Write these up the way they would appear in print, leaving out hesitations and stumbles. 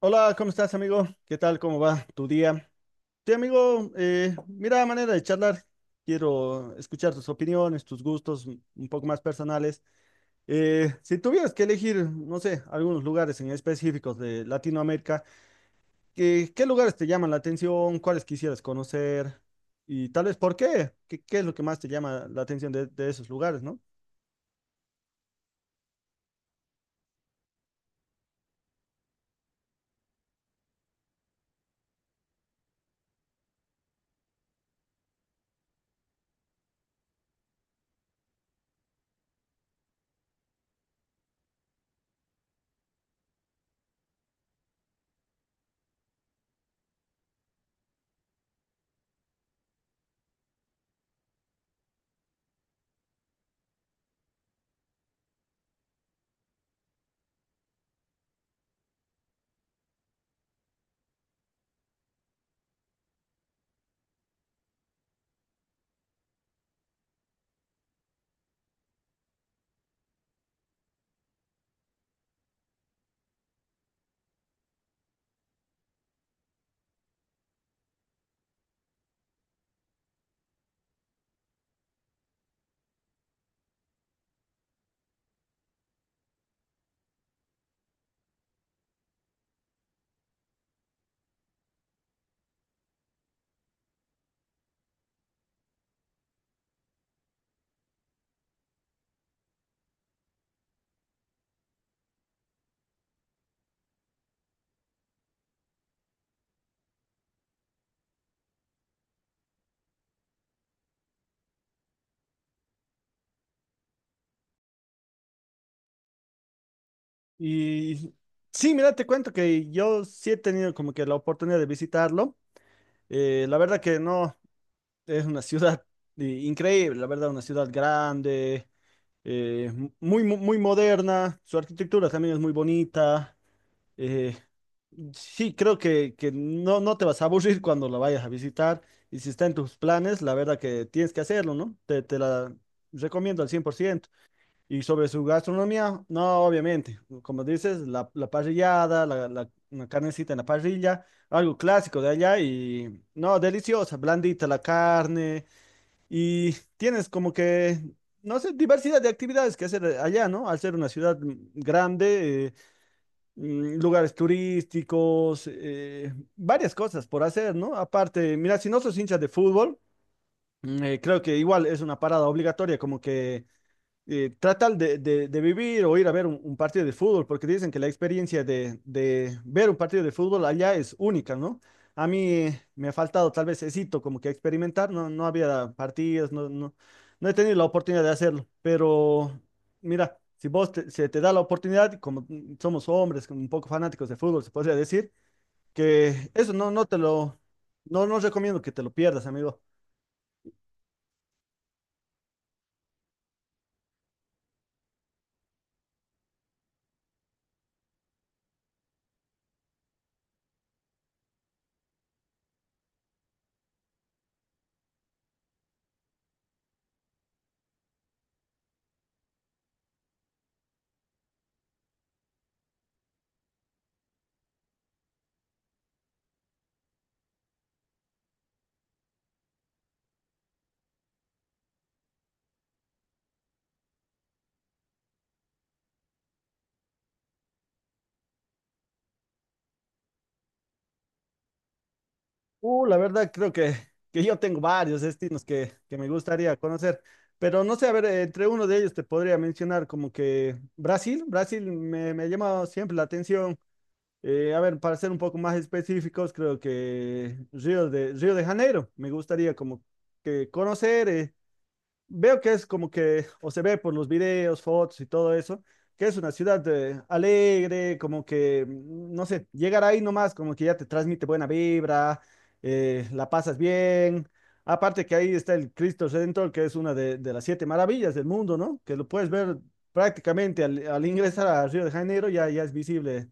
Hola, ¿cómo estás, amigo? ¿Qué tal? ¿Cómo va tu día? Sí, amigo, mira, manera de charlar. Quiero escuchar tus opiniones, tus gustos un poco más personales. Si tuvieras que elegir, no sé, algunos lugares en específicos de Latinoamérica, ¿qué lugares te llaman la atención? ¿Cuáles quisieras conocer? Y tal vez, ¿por qué? ¿Qué es lo que más te llama la atención de esos lugares, ¿no? Y sí, mira, te cuento que yo sí he tenido como que la oportunidad de visitarlo. La verdad que no. Es una ciudad increíble, la verdad, una ciudad grande, muy, muy moderna, su arquitectura también es muy bonita. eh, sí, creo que no, no te vas a aburrir cuando la vayas a visitar, y si está en tus planes, la verdad que tienes que hacerlo, ¿no? Te la recomiendo al 100%. Y sobre su gastronomía, no, obviamente, como dices, la parrillada, una carnecita en la parrilla, algo clásico de allá y, no, deliciosa, blandita la carne. Y tienes como que, no sé, diversidad de actividades que hacer allá, ¿no? Al ser una ciudad grande, lugares turísticos, varias cosas por hacer, ¿no? Aparte, mira, si no sos hincha de fútbol, creo que igual es una parada obligatoria, como que tratan de, de vivir o ir a ver un partido de fútbol, porque dicen que la experiencia de ver un partido de fútbol allá es única, ¿no? A mí me ha faltado tal vez esito como que experimentar, no, no había partidos, no, no, no he tenido la oportunidad de hacerlo, pero mira, si vos se te da la oportunidad, como somos hombres, como un poco fanáticos de fútbol, se podría decir, que eso no, no te lo, no, no recomiendo que te lo pierdas, amigo. La verdad creo que yo tengo varios destinos que me gustaría conocer, pero no sé, a ver, entre uno de ellos te podría mencionar como que Brasil, Brasil me, me ha llamado siempre la atención. A ver, para ser un poco más específicos, creo que Río de Janeiro, me gustaría como que conocer. Veo que es como que, o se ve por los videos, fotos y todo eso, que es una ciudad alegre, como que, mm, no sé, llegar ahí nomás, como que ya te transmite buena vibra, la pasas bien. Aparte que ahí está el Cristo Redentor, que es una de las 7 maravillas del mundo, ¿no? Que lo puedes ver prácticamente al, al ingresar a Río de Janeiro, ya, ya es visible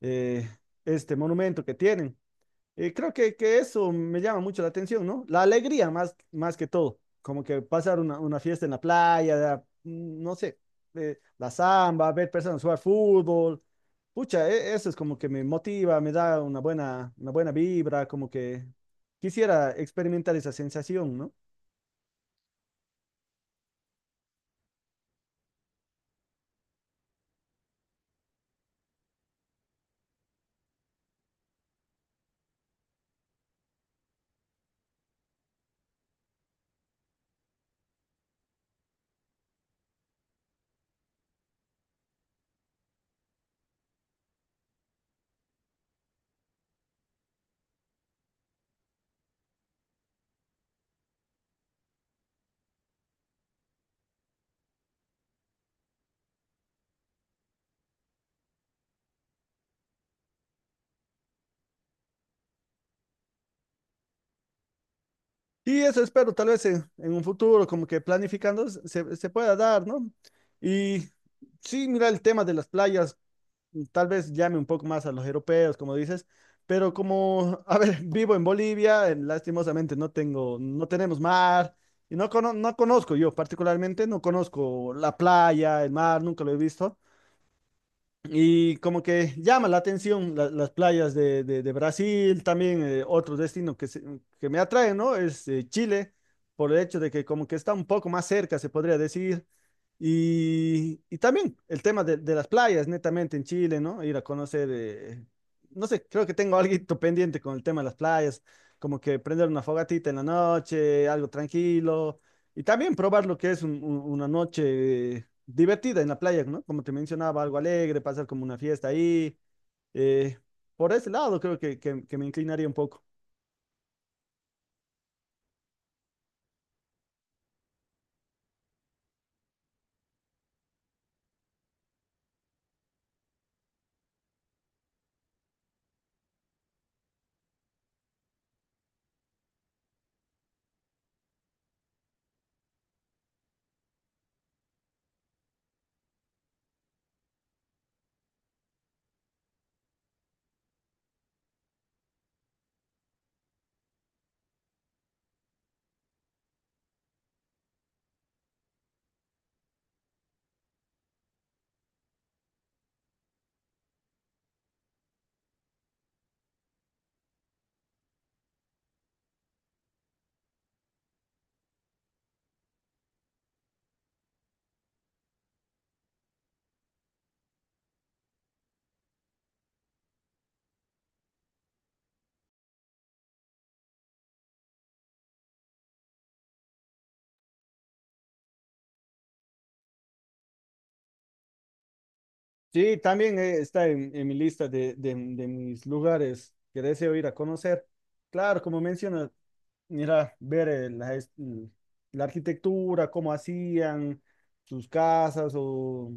eh, este monumento que tienen. Creo que eso me llama mucho la atención, ¿no? La alegría más, más que todo, como que pasar una fiesta en la playa, mm, no sé, la samba, ver personas jugar fútbol, pucha, eso es como que me motiva, me da una buena vibra, como que quisiera experimentar esa sensación, ¿no? Y eso espero tal vez en un futuro, como que planificando se, se pueda dar, ¿no? Y sí, mira el tema de las playas. Tal vez llame un poco más a los europeos, como dices, pero como, a ver, vivo en Bolivia, lastimosamente no tengo, no tenemos mar, y no, no conozco yo particularmente, no conozco la playa, el mar, nunca lo he visto. Y como que llama la atención las playas de, de Brasil, también otro destino que, que me atrae, ¿no? Es Chile, por el hecho de que como que está un poco más cerca, se podría decir. Y también el tema de las playas, netamente en Chile, ¿no? Ir a conocer, no sé, creo que tengo algo pendiente con el tema de las playas, como que prender una fogatita en la noche, algo tranquilo, y también probar lo que es una noche divertida en la playa, ¿no? Como te mencionaba, algo alegre, pasar como una fiesta ahí. eh, por ese lado creo que, que me inclinaría un poco. Sí, también está en mi lista de, de mis lugares que deseo ir a conocer. Claro, como mencionas, mira, ver la, la arquitectura, cómo hacían sus casas o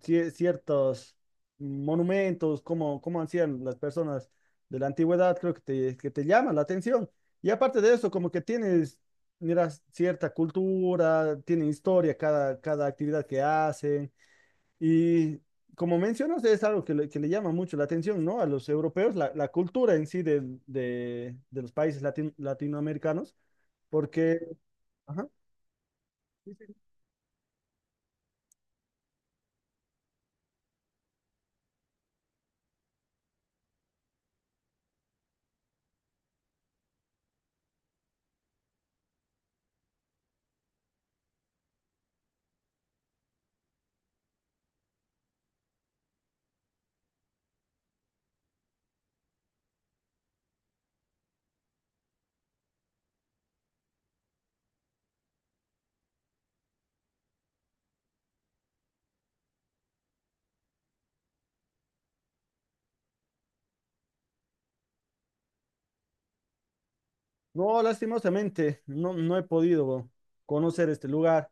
ciertos monumentos, cómo, cómo hacían las personas de la antigüedad, creo que te llama la atención. Y aparte de eso, como que tienes, mira, cierta cultura, tiene historia cada, cada actividad que hacen. Y como mencionas, es algo que le llama mucho la atención, ¿no? A los europeos, la cultura en sí de los países latinoamericanos porque, ajá, sí, sí. No, lastimosamente, no, no he podido conocer este lugar.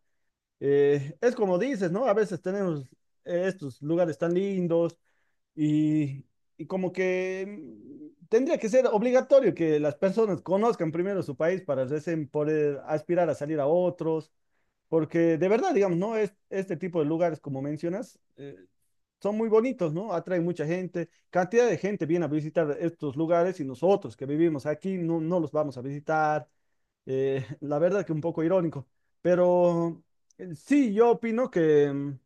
Es como dices, ¿no? A veces tenemos estos lugares tan lindos y, y como que tendría que ser obligatorio que las personas conozcan primero su país para recién poder aspirar a salir a otros. Porque de verdad, digamos, ¿no? Es, este tipo de lugares, como mencionas, son muy bonitos, ¿no? Atraen mucha gente. Cantidad de gente viene a visitar estos lugares y nosotros que vivimos aquí no, no los vamos a visitar. La verdad que un poco irónico, pero sí, yo opino que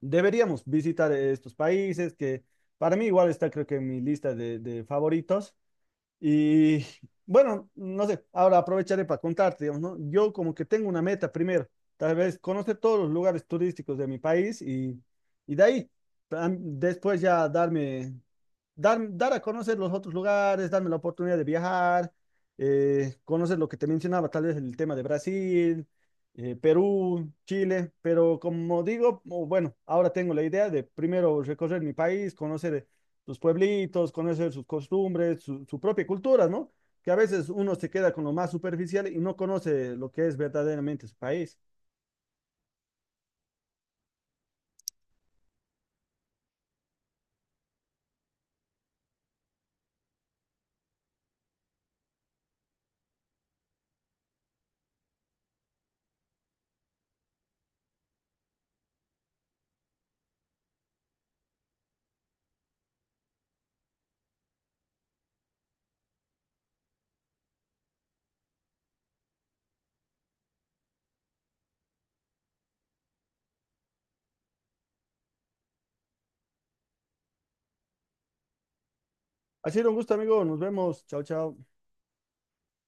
deberíamos visitar estos países, que para mí igual está creo que en mi lista de favoritos. Y bueno, no sé, ahora aprovecharé para contarte, digamos, ¿no? Yo como que tengo una meta primero, tal vez conocer todos los lugares turísticos de mi país y de ahí, después ya darme dar a conocer los otros lugares, darme la oportunidad de viajar, conocer lo que te mencionaba, tal vez el tema de Brasil, Perú, Chile, pero como digo, o bueno, ahora tengo la idea de primero recorrer mi país, conocer sus pueblitos, conocer sus costumbres, su propia cultura, ¿no? Que a veces uno se queda con lo más superficial y no conoce lo que es verdaderamente su país. Ha sido un gusto, amigo. Nos vemos. Chao, chao.